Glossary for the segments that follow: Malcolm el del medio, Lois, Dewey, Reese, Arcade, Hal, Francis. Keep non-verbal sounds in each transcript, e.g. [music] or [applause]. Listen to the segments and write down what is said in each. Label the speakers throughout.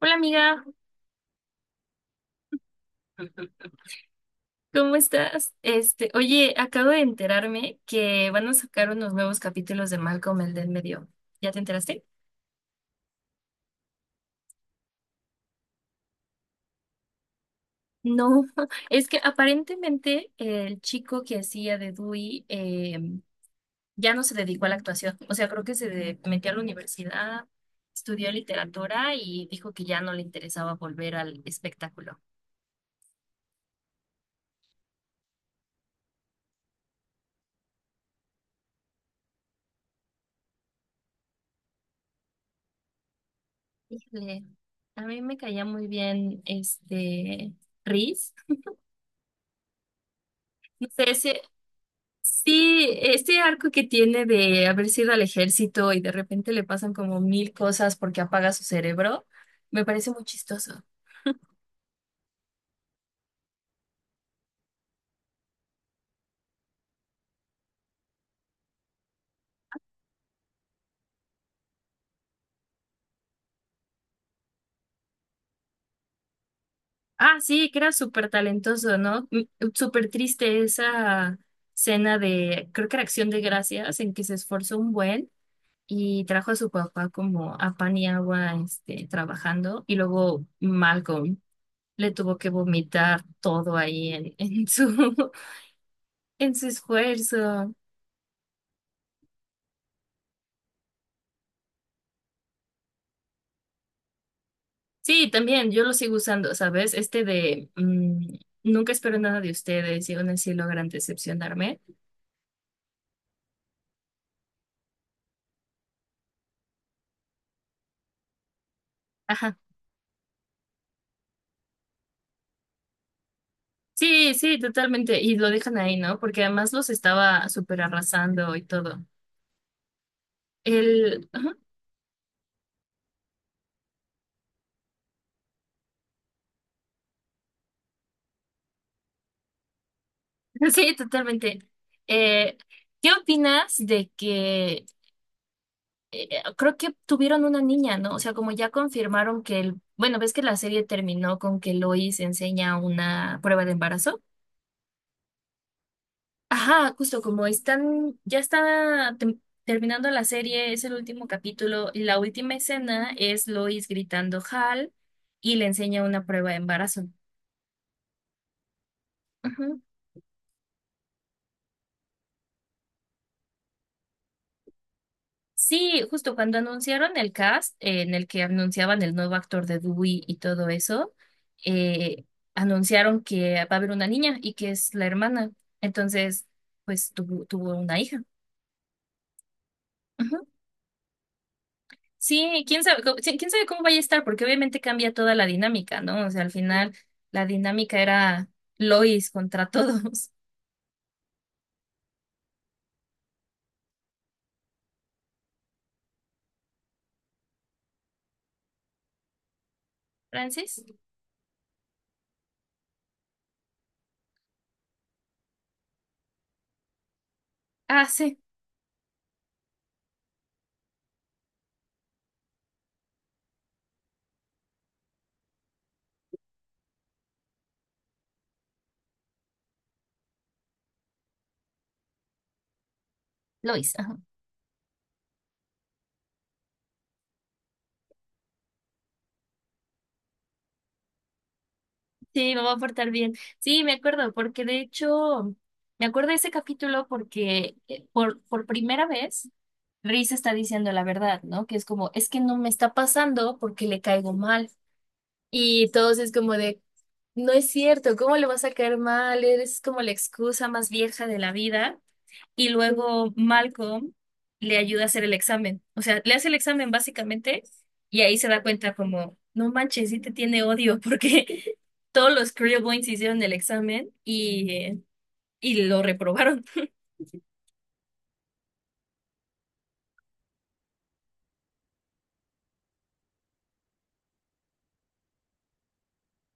Speaker 1: Hola amiga, ¿cómo estás? Oye, acabo de enterarme que van a sacar unos nuevos capítulos de Malcolm el del medio. ¿Ya te enteraste? No, [laughs] es que aparentemente el chico que hacía de Dewey ya no se dedicó a la actuación. O sea, creo que metió a la universidad, estudió literatura y dijo que ya no le interesaba volver al espectáculo. Híjole, a mí me caía muy bien Reese. No sé, si Sí, este arco que tiene de haber sido al ejército y de repente le pasan como mil cosas porque apaga su cerebro, me parece muy chistoso. Ah, sí, que era súper talentoso, ¿no? Súper triste esa escena de, creo que era Acción de Gracias, en que se esforzó un buen y trajo a su papá como a pan y agua, trabajando, y luego Malcolm le tuvo que vomitar todo ahí en su, [laughs] en su esfuerzo. Sí, también, yo lo sigo usando, ¿sabes? Este de nunca espero nada de ustedes y aún así logran decepcionarme. Ajá. Sí, sí, totalmente. Y lo dejan ahí, ¿no? Porque además los estaba súper arrasando y todo. Ajá. [laughs] Sí, totalmente. Eh, ¿Qué opinas de que eh, creo que tuvieron una niña, ¿no? O sea, como ya confirmaron que Bueno, ves que la serie terminó con que Lois enseña una prueba de embarazo. Ajá, justo como están, terminando la serie, es el último capítulo y la última escena es Lois gritando Hal y le enseña una prueba de embarazo. Ujú. Sí, justo cuando anunciaron el cast, en el que anunciaban el nuevo actor de Dewey y todo eso, eh, anunciaron que va a haber una niña y que es la hermana. Entonces, pues tuvo una hija. Sí, quién sabe, sí, quién sabe cómo vaya a estar, porque obviamente cambia toda la dinámica, ¿no? O sea, al final la dinámica era Lois contra todos. [laughs] ¿Francis? Ah, sí, Lois. Ajá. Sí, me va a portar bien. Sí, me acuerdo, porque de hecho, me acuerdo de ese capítulo porque por primera vez Reese está diciendo la verdad, ¿no? Que es como, es que no me está pasando porque le caigo mal. Y todos es como de, no es cierto, ¿cómo le vas a caer mal? Eres como la excusa más vieja de la vida. Y luego Malcolm le ayuda a hacer el examen. O sea, le hace el examen básicamente y ahí se da cuenta como, no manches, sí te tiene odio [laughs] porque todos los Boys hicieron el examen y lo reprobaron.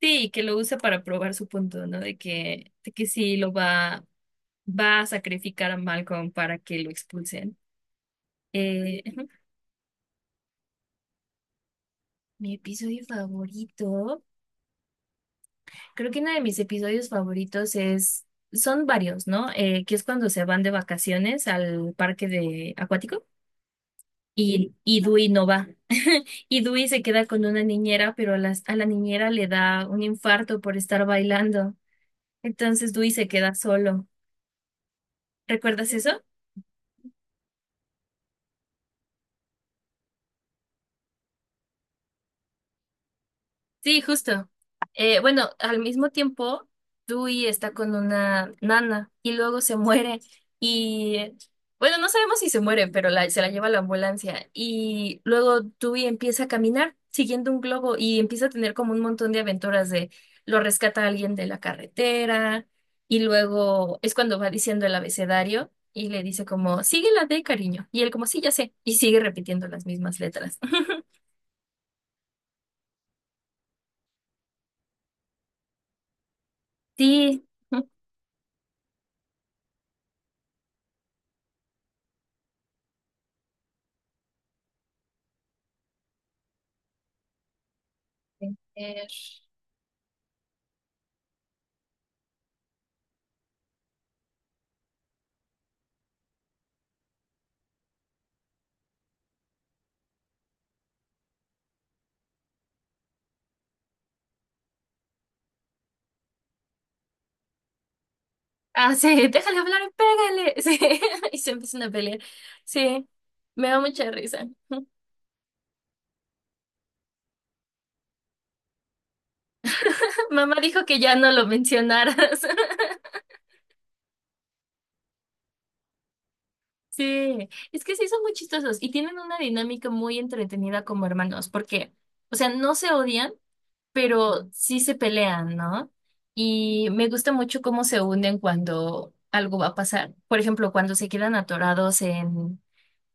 Speaker 1: Sí, y que lo usa para probar su punto, ¿no? De que sí va a sacrificar a Malcolm para que lo expulsen. Ujú. Mi episodio favorito. Creo que uno de mis episodios favoritos es, son varios, ¿no? Que es cuando se van de vacaciones al parque de acuático y Dewey no va. Y Dewey se queda con una niñera, pero a la niñera le da un infarto por estar bailando. Entonces Dewey se queda solo. ¿Recuerdas eso? Sí, justo. Bueno, al mismo tiempo, Dewey está con una nana y luego se muere. Y bueno, no sabemos si se muere, pero se la lleva a la ambulancia. Y luego Dewey empieza a caminar siguiendo un globo y empieza a tener como un montón de aventuras de lo rescata alguien de la carretera. Y luego es cuando va diciendo el abecedario y le dice como, sigue la D, cariño. Y él como, sí, ya sé. Y sigue repitiendo las mismas letras. [laughs] Sí. [laughs] Eh, Ah, sí, déjale hablar, pégale. Sí, [laughs] y se empiezan a pelear. Sí, me da mucha risa. [laughs] Mamá dijo que ya no lo mencionaras. [laughs] Sí, es que sí son muy chistosos y tienen una dinámica muy entretenida como hermanos, porque, o sea, no se odian, pero sí se pelean, ¿no? Y me gusta mucho cómo se unen cuando algo va a pasar. Por ejemplo, cuando se quedan atorados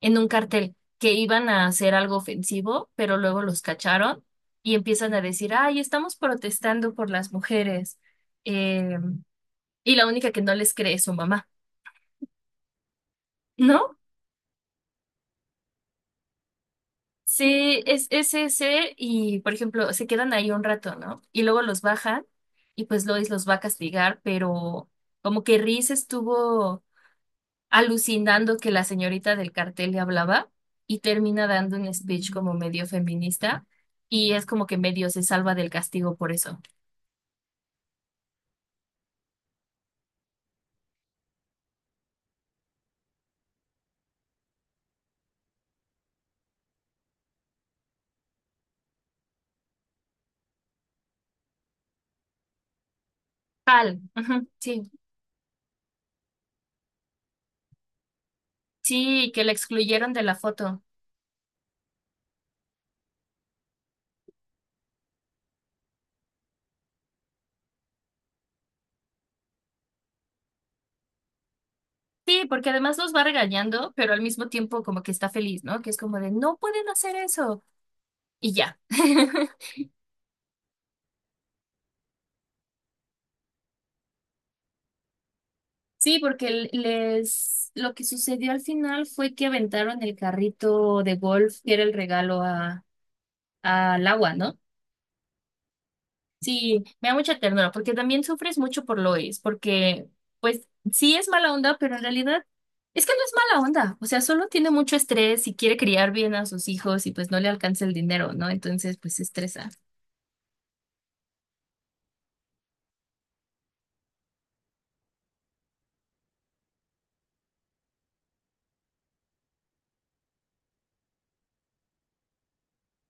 Speaker 1: en un cartel que iban a hacer algo ofensivo, pero luego los cacharon y empiezan a decir, ay, estamos protestando por las mujeres. eh, y la única que no les cree es su mamá, ¿no? Sí, es ese y, por ejemplo, se quedan ahí un rato, ¿no? Y luego los bajan y pues Lois los va a castigar, pero como que Reese estuvo alucinando que la señorita del cartel le hablaba y termina dando un speech como medio feminista y es como que medio se salva del castigo por eso. Tal, ujú, sí, sí, que la excluyeron de la foto. Sí, porque además los va regañando, pero al mismo tiempo como que está feliz, ¿no? Que es como de, no pueden hacer eso. Y ya. [laughs] Sí, porque les lo que sucedió al final fue que aventaron el carrito de golf que era el regalo a al agua, ¿no? Sí, me da mucha ternura, porque también sufres mucho por Lois, porque pues sí es mala onda, pero en realidad es que no es mala onda, o sea, solo tiene mucho estrés y quiere criar bien a sus hijos y pues no le alcanza el dinero, ¿no? Entonces pues se estresa.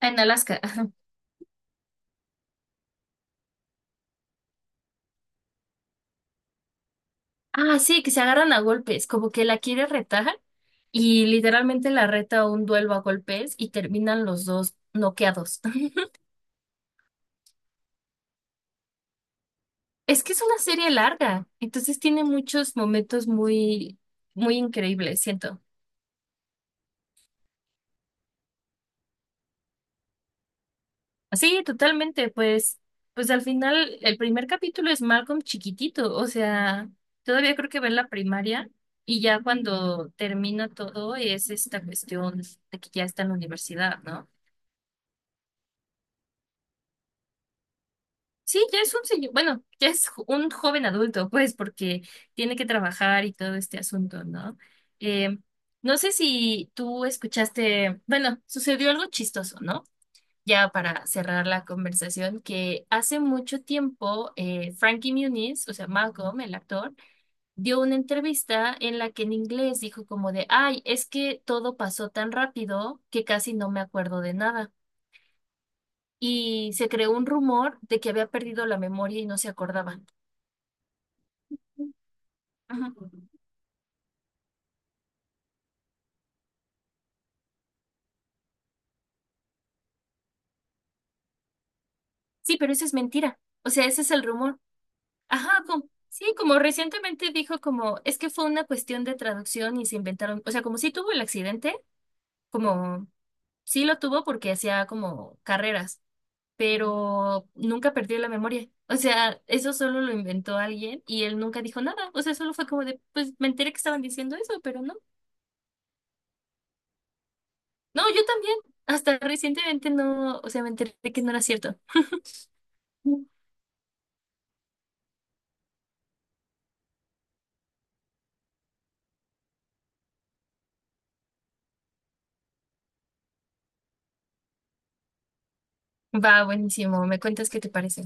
Speaker 1: Ah, en Alaska. [laughs] Ajá. Ah, sí, que se agarran a golpes, como que la quiere retar y literalmente la reta a un duelo a golpes y terminan los dos noqueados. [laughs] Es que es una serie larga, entonces tiene muchos momentos muy increíbles, siento. Sí, totalmente, pues, pues al final el primer capítulo es Malcolm chiquitito, o sea, todavía creo que va en la primaria y ya cuando termina todo es esta cuestión de que ya está en la universidad, ¿no? Sí, ya es un señor, bueno, un joven adulto, pues, porque tiene que trabajar y todo este asunto, ¿no? Eh, no sé si tú escuchaste, bueno, sucedió algo chistoso, ¿no? Ya para cerrar la conversación, que hace mucho tiempo Frankie Muniz, o sea, Malcolm, el actor, dio una entrevista en la que en inglés dijo como de, ay, es que todo pasó tan rápido que casi no me acuerdo de nada. Y se creó un rumor de que había perdido la memoria y no se acordaba. Ajá. Sí, pero eso es mentira. O sea, ese es el rumor. Ajá, como, sí, como recientemente dijo como, es que fue una cuestión de traducción y se inventaron, o sea, como si tuvo el accidente, como sí lo tuvo porque hacía como carreras, pero nunca perdió la memoria. O sea, eso solo lo inventó alguien y él nunca dijo nada. O sea, solo fue como de, pues me enteré que estaban diciendo eso, pero no. No, yo también. Hasta recientemente no, o sea, me enteré que no era cierto. Va, buenísimo. ¿Me cuentas qué te parece?